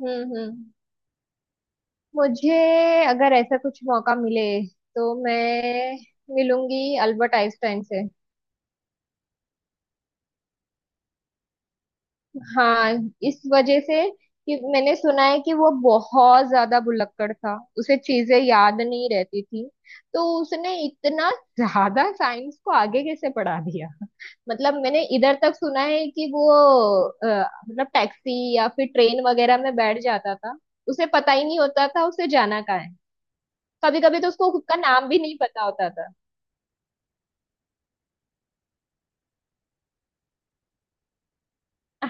हम्म हम्म। मुझे अगर ऐसा कुछ मौका मिले तो मैं मिलूंगी अल्बर्ट आइंस्टाइन से। हाँ, इस वजह से कि मैंने सुना है कि वो बहुत ज्यादा भुलक्कड़ था, उसे चीजें याद नहीं रहती थी। तो उसने इतना ज्यादा साइंस को आगे कैसे पढ़ा दिया? मतलब मैंने इधर तक सुना है कि वो अ, मतलब टैक्सी या फिर ट्रेन वगैरह में बैठ जाता था, उसे पता ही नहीं होता था उसे जाना कहाँ है। कभी कभी तो उसको खुद का नाम भी नहीं पता होता था।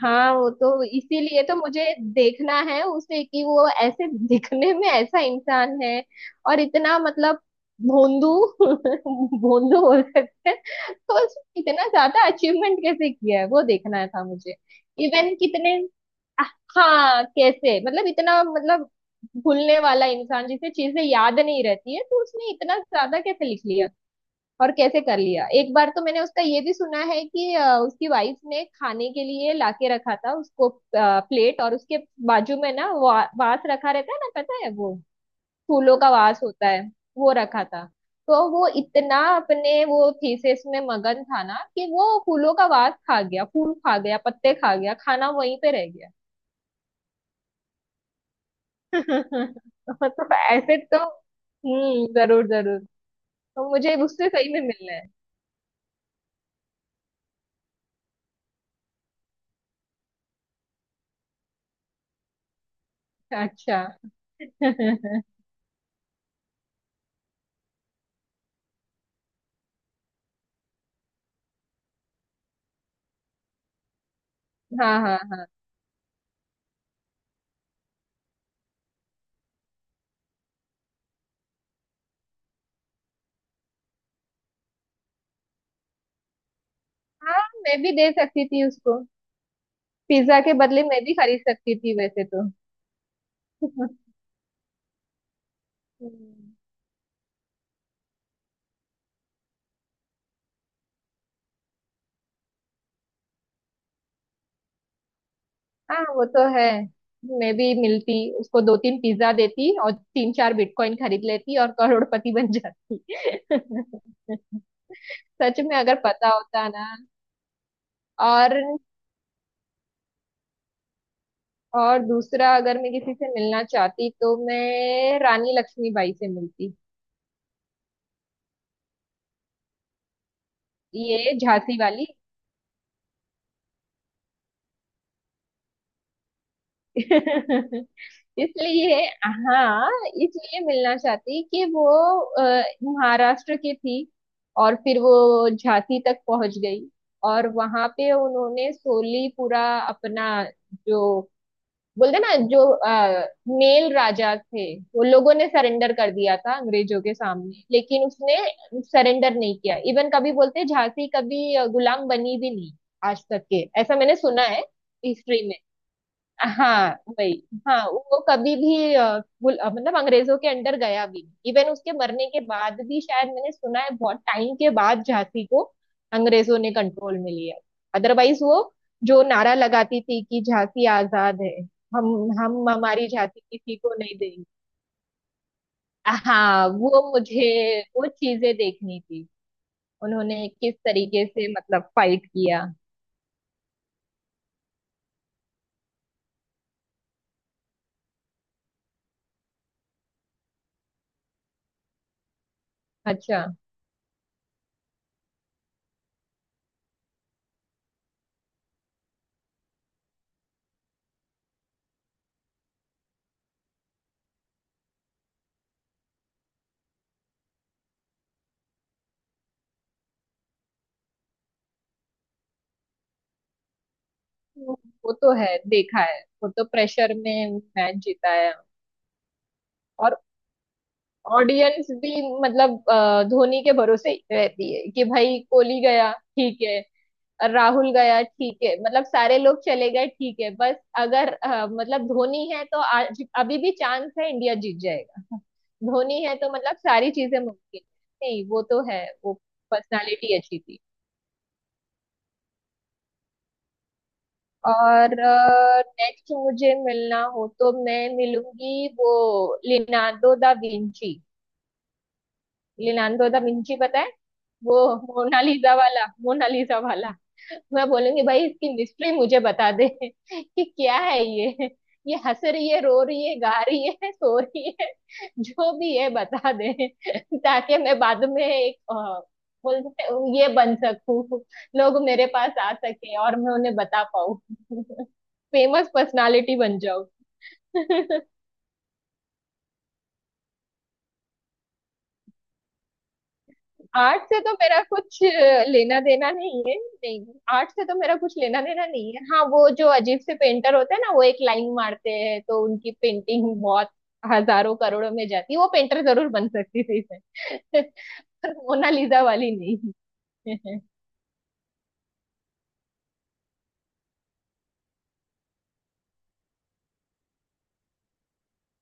हाँ वो तो इसीलिए तो मुझे देखना है उसे कि वो ऐसे दिखने में ऐसा इंसान है और इतना मतलब भोंदू भोंदू बोल सकते हैं। तो उसने इतना ज्यादा अचीवमेंट कैसे किया है, वो देखना था मुझे। इवन कितने, हाँ कैसे मतलब इतना मतलब भूलने वाला इंसान जिसे चीजें याद नहीं रहती है, तो उसने इतना ज्यादा कैसे लिख लिया और कैसे कर लिया। एक बार तो मैंने उसका ये भी सुना है कि उसकी वाइफ ने खाने के लिए लाके रखा था उसको प्लेट, और उसके बाजू में ना वास रखा रहता है ना, पता है वो फूलों का वास होता है, वो रखा था। तो वो इतना अपने वो थीसिस में मगन था ना कि वो फूलों का वास खा गया, फूल खा गया, पत्ते खा गया, खाना वहीं पे रह गया। तो मतलब ऐसे तो जरूर जरूर। तो मुझे उससे सही में मिलना है। अच्छा। हाँ हाँ। हाँ मैं भी दे सकती थी उसको, पिज्जा के बदले मैं भी खरीद सकती थी वैसे तो। हम्म। हाँ वो तो है, मैं भी मिलती उसको दो तीन पिज्जा देती और तीन चार बिटकॉइन खरीद लेती और करोड़पति बन जाती। सच में अगर पता होता ना। और और दूसरा अगर मैं किसी से मिलना चाहती तो मैं रानी लक्ष्मीबाई से मिलती। ये झांसी वाली। इसलिए, हाँ, इसलिए मिलना चाहती कि वो अ, महाराष्ट्र की थी और फिर वो झांसी तक पहुंच गई। और वहां पे उन्होंने सोली पूरा अपना जो बोलते ना जो मेल राजा थे, वो लोगों ने सरेंडर कर दिया था अंग्रेजों के सामने, लेकिन उसने सरेंडर नहीं किया। इवन कभी बोलते झांसी कभी गुलाम बनी भी नहीं आज तक के, ऐसा मैंने सुना है हिस्ट्री में। हाँ वही। हाँ वो कभी भी मतलब अंग्रेजों के अंडर गया भी नहीं। इवन उसके मरने के बाद भी शायद मैंने सुना है बहुत टाइम के बाद झांसी को अंग्रेजों ने कंट्रोल में लिया। अदरवाइज वो जो नारा लगाती थी कि झांसी आजाद है, हम हम हमारी झांसी किसी को नहीं देंगे। हाँ वो मुझे वो चीजें देखनी थी, उन्होंने किस तरीके से मतलब फाइट किया। अच्छा। वो तो है, देखा है वो तो प्रेशर में मैच जीता है। और ऑडियंस भी मतलब धोनी के भरोसे ही रहती है कि भाई कोहली गया ठीक है, राहुल गया ठीक है, मतलब सारे लोग चले गए ठीक है, बस अगर मतलब धोनी है तो आज अभी भी चांस है, इंडिया जीत जाएगा। धोनी है तो मतलब सारी चीजें मुमकिन है। नहीं वो तो है, वो पर्सनालिटी अच्छी थी। और नेक्स्ट मुझे मिलना हो तो मैं मिलूंगी वो Leonardo da Vinci. Leonardo da Vinci, पता है वो मोनालिसा वाला, मोनालिसा वाला। मैं बोलूंगी भाई इसकी मिस्ट्री मुझे बता दे कि क्या है ये हंस रही है, रो रही है, गा रही है, सो रही है, जो भी है बता दे ताकि मैं बाद में एक बोलते हैं, ये बन सकूं, लोग मेरे पास आ सके और मैं उन्हें बता पाऊं। फेमस पर्सनालिटी बन जाऊं। आर्ट से तो मेरा कुछ लेना देना नहीं है। नहीं आर्ट से तो मेरा कुछ लेना देना नहीं है। हाँ वो जो अजीब से पेंटर होते हैं ना वो एक लाइन मारते हैं तो उनकी पेंटिंग बहुत हजारों करोड़ों में जाती है, वो पेंटर जरूर बन सकती थी इसमें पर मोनालिसा वाली नहीं।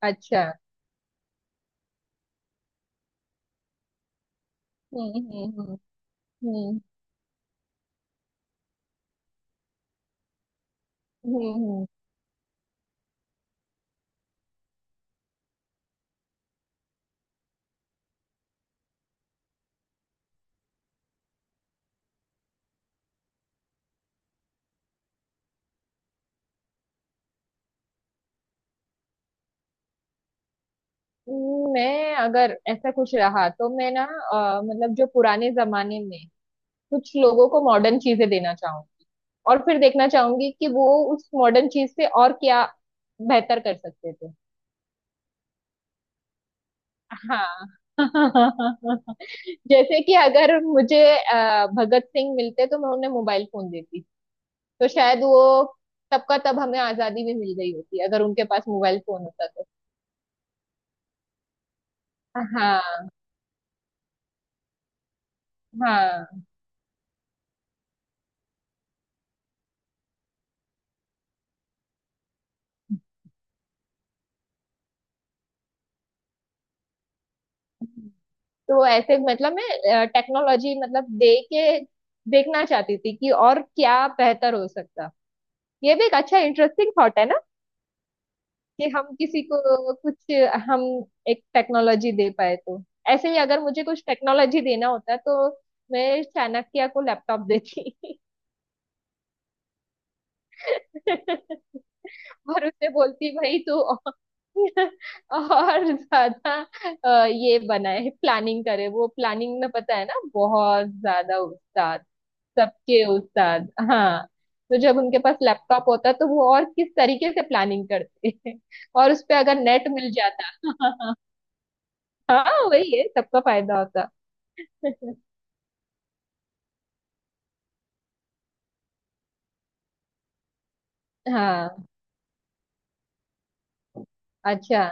अच्छा। हम्म। हम्म हम्म। हम्म। हम्म। मैं अगर ऐसा कुछ रहा तो मैं ना मतलब जो पुराने जमाने में कुछ लोगों को मॉडर्न चीजें देना चाहूंगी और फिर देखना चाहूंगी कि वो उस मॉडर्न चीज से और क्या बेहतर कर सकते थे। हाँ। जैसे कि अगर मुझे भगत सिंह मिलते तो मैं उन्हें मोबाइल फोन देती, तो शायद वो तब का तब हमें आजादी भी मिल गई होती अगर उनके पास मोबाइल फोन होता तो। हाँ हाँ। तो ऐसे मतलब मैं टेक्नोलॉजी मतलब दे के देखना चाहती थी कि और क्या बेहतर हो सकता। ये भी एक अच्छा इंटरेस्टिंग थॉट है ना कि हम किसी को कुछ हम एक टेक्नोलॉजी दे पाए तो। ऐसे ही अगर मुझे कुछ टेक्नोलॉजी देना होता तो मैं चाणक्य को लैपटॉप देती। और उसे बोलती भाई तू और और ज्यादा ये बनाए, प्लानिंग करे। वो प्लानिंग में पता है ना बहुत ज्यादा उस्ताद, सबके उस्ताद। हाँ तो जब उनके पास लैपटॉप होता तो वो और किस तरीके से प्लानिंग करते और उस पे अगर नेट मिल जाता। हाँ वही है, सबका फायदा होता। हाँ। अच्छा।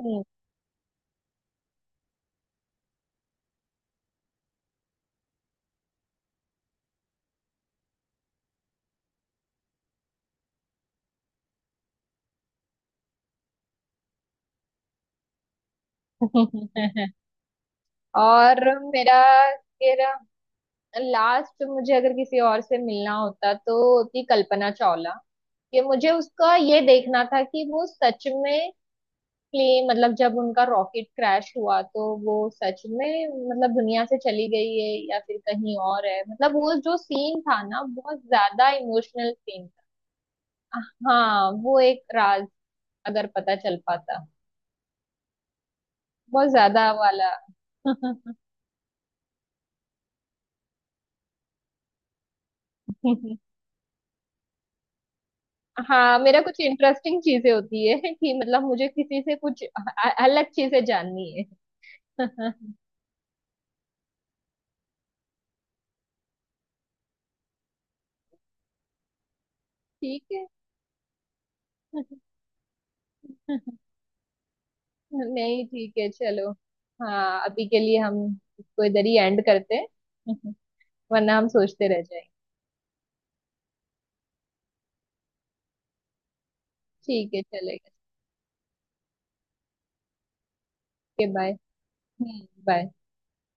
हम्म। और मेरा मेरा लास्ट मुझे अगर किसी और से मिलना होता तो होती कल्पना चावला। कि मुझे उसका ये देखना था कि वो सच में एग्जैक्टली मतलब जब उनका रॉकेट क्रैश हुआ तो वो सच में मतलब दुनिया से चली गई है या फिर कहीं और है, मतलब वो जो सीन था ना बहुत ज्यादा इमोशनल सीन था। हाँ वो एक राज अगर पता चल पाता, बहुत ज्यादा वाला। हाँ मेरा कुछ इंटरेस्टिंग चीजें होती है कि मतलब मुझे किसी से कुछ अलग चीजें जाननी है। ठीक है। नहीं ठीक है, चलो। हाँ अभी के लिए हम इसको इधर ही एंड करते हैं। वरना हम सोचते रह जाएंगे। ठीक है, चलेगा। Okay bye. हम्म। बाय।